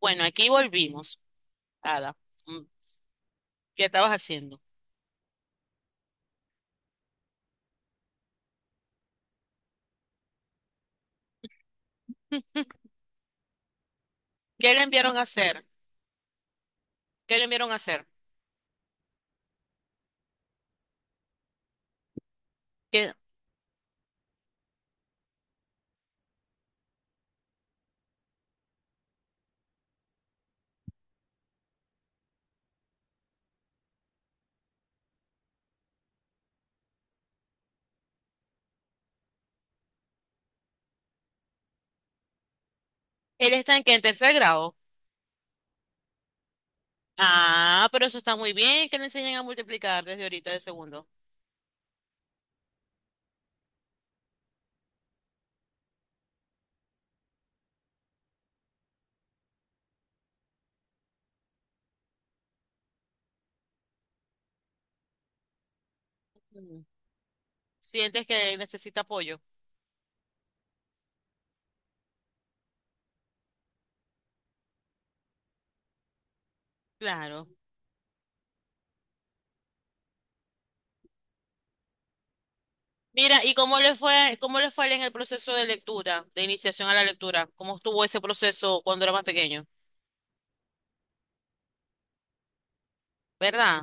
Bueno, aquí volvimos, Ada. Mm, ¿qué estabas haciendo? ¿Qué le enviaron a hacer? ¿Qué le enviaron a hacer? ¿Qué- ¿Él está en qué? ¿En tercer grado? Ah, pero eso está muy bien, que le enseñen a multiplicar desde ahorita de segundo. Mm. ¿Sientes que necesita apoyo? Claro. Mira, ¿y cómo le fue a él en el proceso de lectura, de iniciación a la lectura? ¿Cómo estuvo ese proceso cuando era más pequeño? ¿Verdad?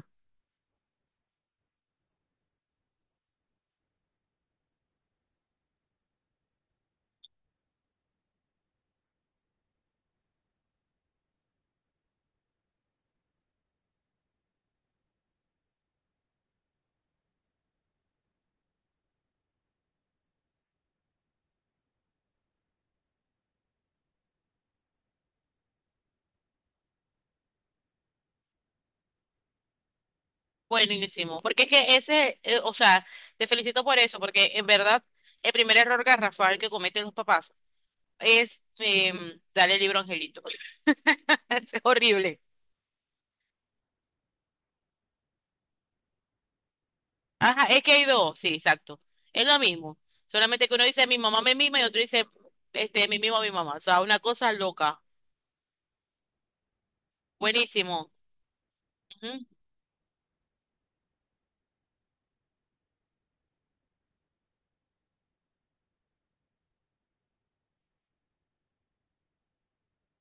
Buenísimo. Porque es que ese, o sea, te felicito por eso, porque en verdad el primer error garrafal que cometen los papás. Este, dale el libro Angelito. Es horrible. Ajá, es que hay dos, sí, exacto. Es lo mismo. Solamente que uno dice mi mamá me mima y otro dice este mi mimo a mi mamá. O sea, una cosa loca. Buenísimo. Ujú.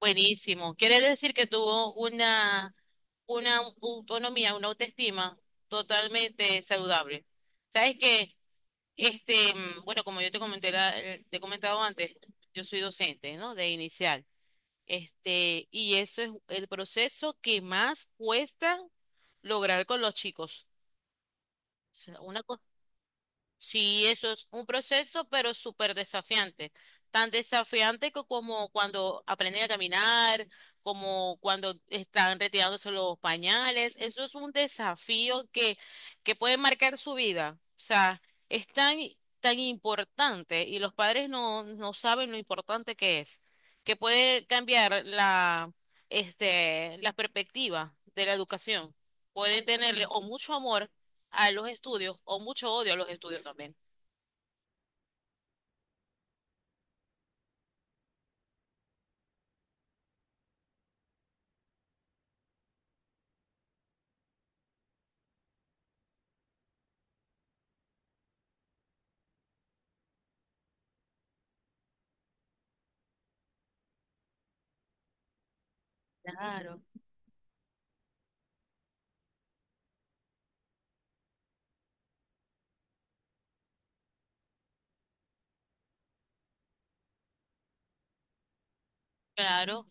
Buenísimo. Quiere decir que tuvo una autonomía, una autoestima totalmente saludable. ¿Sabes que este, bueno, como yo te comenté te he comentado antes, yo soy docente, ¿no? De inicial. Este, y eso es el proceso que más cuesta lograr con los chicos. O sea, una cosa. Sí, eso es un proceso, pero súper desafiante. Tan desafiante que como cuando aprenden a caminar, como cuando están retirándose los pañales. Eso es un desafío que puede marcar su vida. O sea, es tan, tan importante y los padres no saben lo importante que es, que puede cambiar la, este, la perspectiva de la educación. Pueden tenerle o mucho amor a los estudios o mucho odio a los estudios también. Claro. Claro,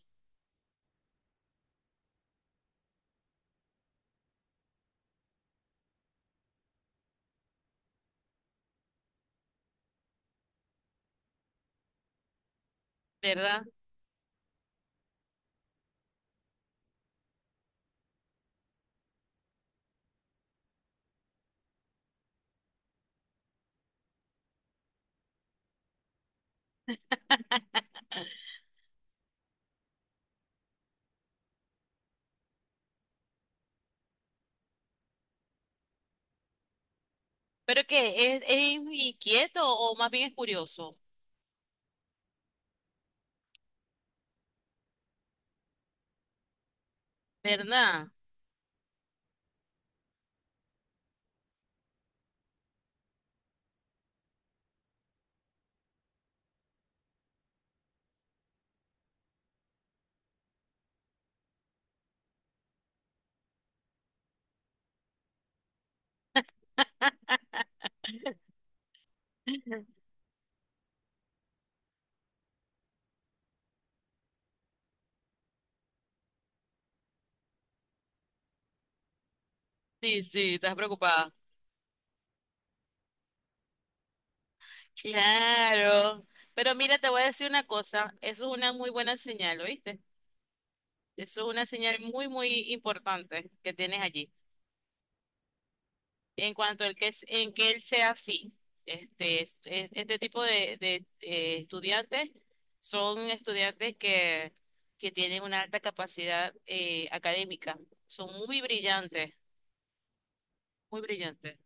¿verdad? Pero que es, ¿es inquieto o más bien es curioso? ¿Verdad? Sí, sí, estás preocupada. Claro. Pero mira, te voy a decir una cosa, eso es una muy buena señal, ¿oíste? Eso es una señal muy, muy importante que tienes allí. En cuanto al que es, en que él sea así. Este, este tipo de, estudiantes son estudiantes que tienen una alta capacidad académica. Son muy brillantes, muy brillantes.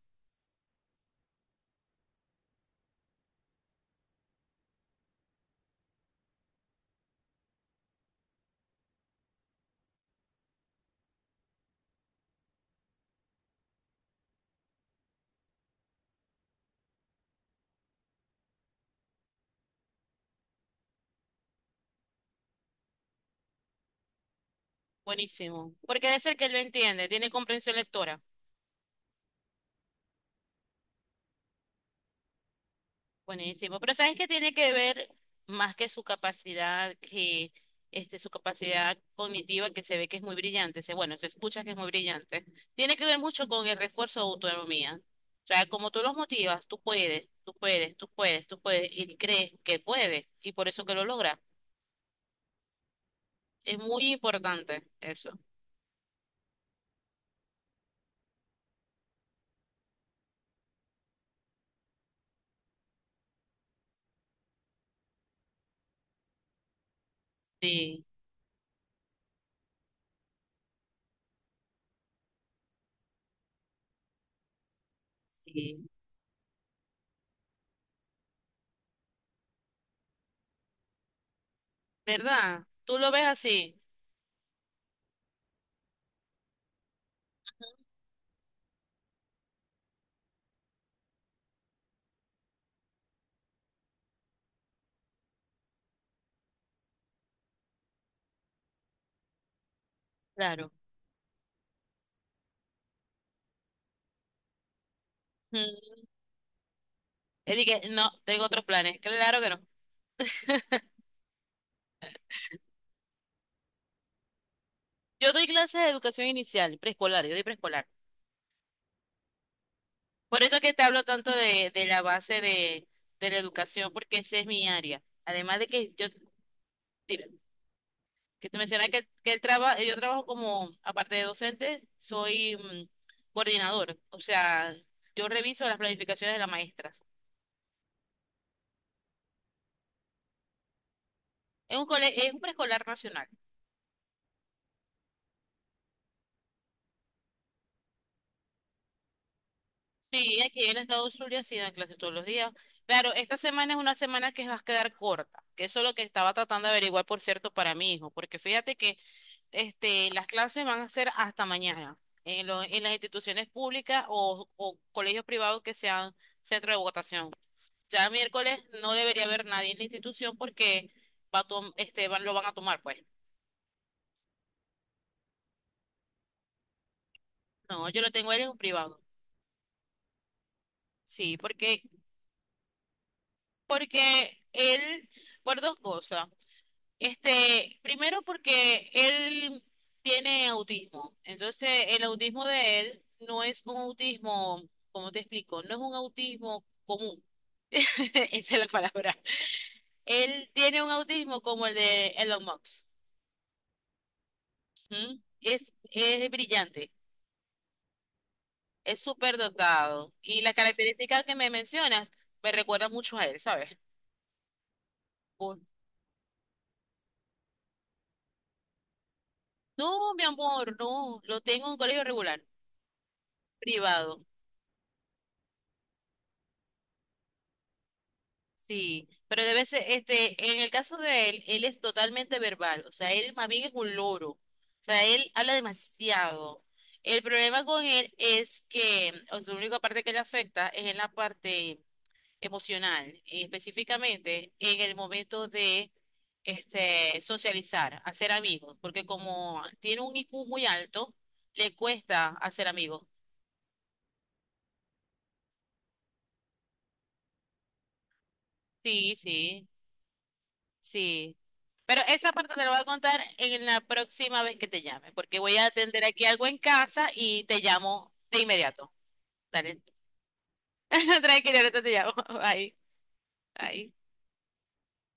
Buenísimo. Porque es el que lo entiende, tiene comprensión lectora. Buenísimo, pero sabes que tiene que ver más que su capacidad, que este, su capacidad cognitiva, que se ve que es muy brillante, se, bueno, se escucha que es muy brillante. Tiene que ver mucho con el refuerzo de autonomía. O sea, como tú los motivas, tú puedes, tú puedes, tú puedes, tú puedes, y él cree que puede, y por eso que lo logra. Es muy importante eso. Sí, sí. ¿Verdad? Tú lo ves así. Claro. Mm. Él dice, no, tengo otros planes. Claro que no. Yo doy clases de educación inicial, preescolar, yo doy preescolar. Por eso que te hablo tanto de la base de la educación, porque esa es mi área. Además de que yo, dime, que te mencioné que yo trabajo como, aparte de docente, soy coordinador. O sea, yo reviso las planificaciones de las maestras. Es es un preescolar nacional. Sí, aquí en el estado Zulia sí dan clases todos los días. Claro, esta semana es una semana que va a quedar corta, que eso es lo que estaba tratando de averiguar, por cierto, para mi hijo, porque fíjate que este, las clases van a ser hasta mañana en, en las instituciones públicas o colegios privados que sean centro de votación. Ya el miércoles no debería haber nadie en la institución porque este, lo van a tomar, pues. No, yo lo tengo a él en un privado. Sí, porque él, por dos cosas. Este, primero porque él tiene autismo. Entonces, el autismo de él no es un autismo, ¿cómo te explico? No es un autismo común. Esa es la palabra. Él tiene un autismo como el de Elon Musk. ¿Mm? Es brillante, es súper dotado. Y las características que me mencionas me recuerdan mucho a él, ¿sabes? Por- No, mi amor, no. Lo tengo en un colegio regular, privado. Sí, pero debe ser, este, en el caso de él, él es totalmente verbal. O sea, él más bien es un loro. O sea, él habla demasiado. El problema con él es que, o sea, la única parte que le afecta es en la parte emocional, y específicamente en el momento de este, socializar, hacer amigos, porque como tiene un IQ muy alto, le cuesta hacer amigos. Sí, sí, sí. Pero esa parte te la voy a contar en la próxima vez que te llame, porque voy a atender aquí algo en casa y te llamo de inmediato. Dale, tranquilo, ahorita te llamo. Bye, bye.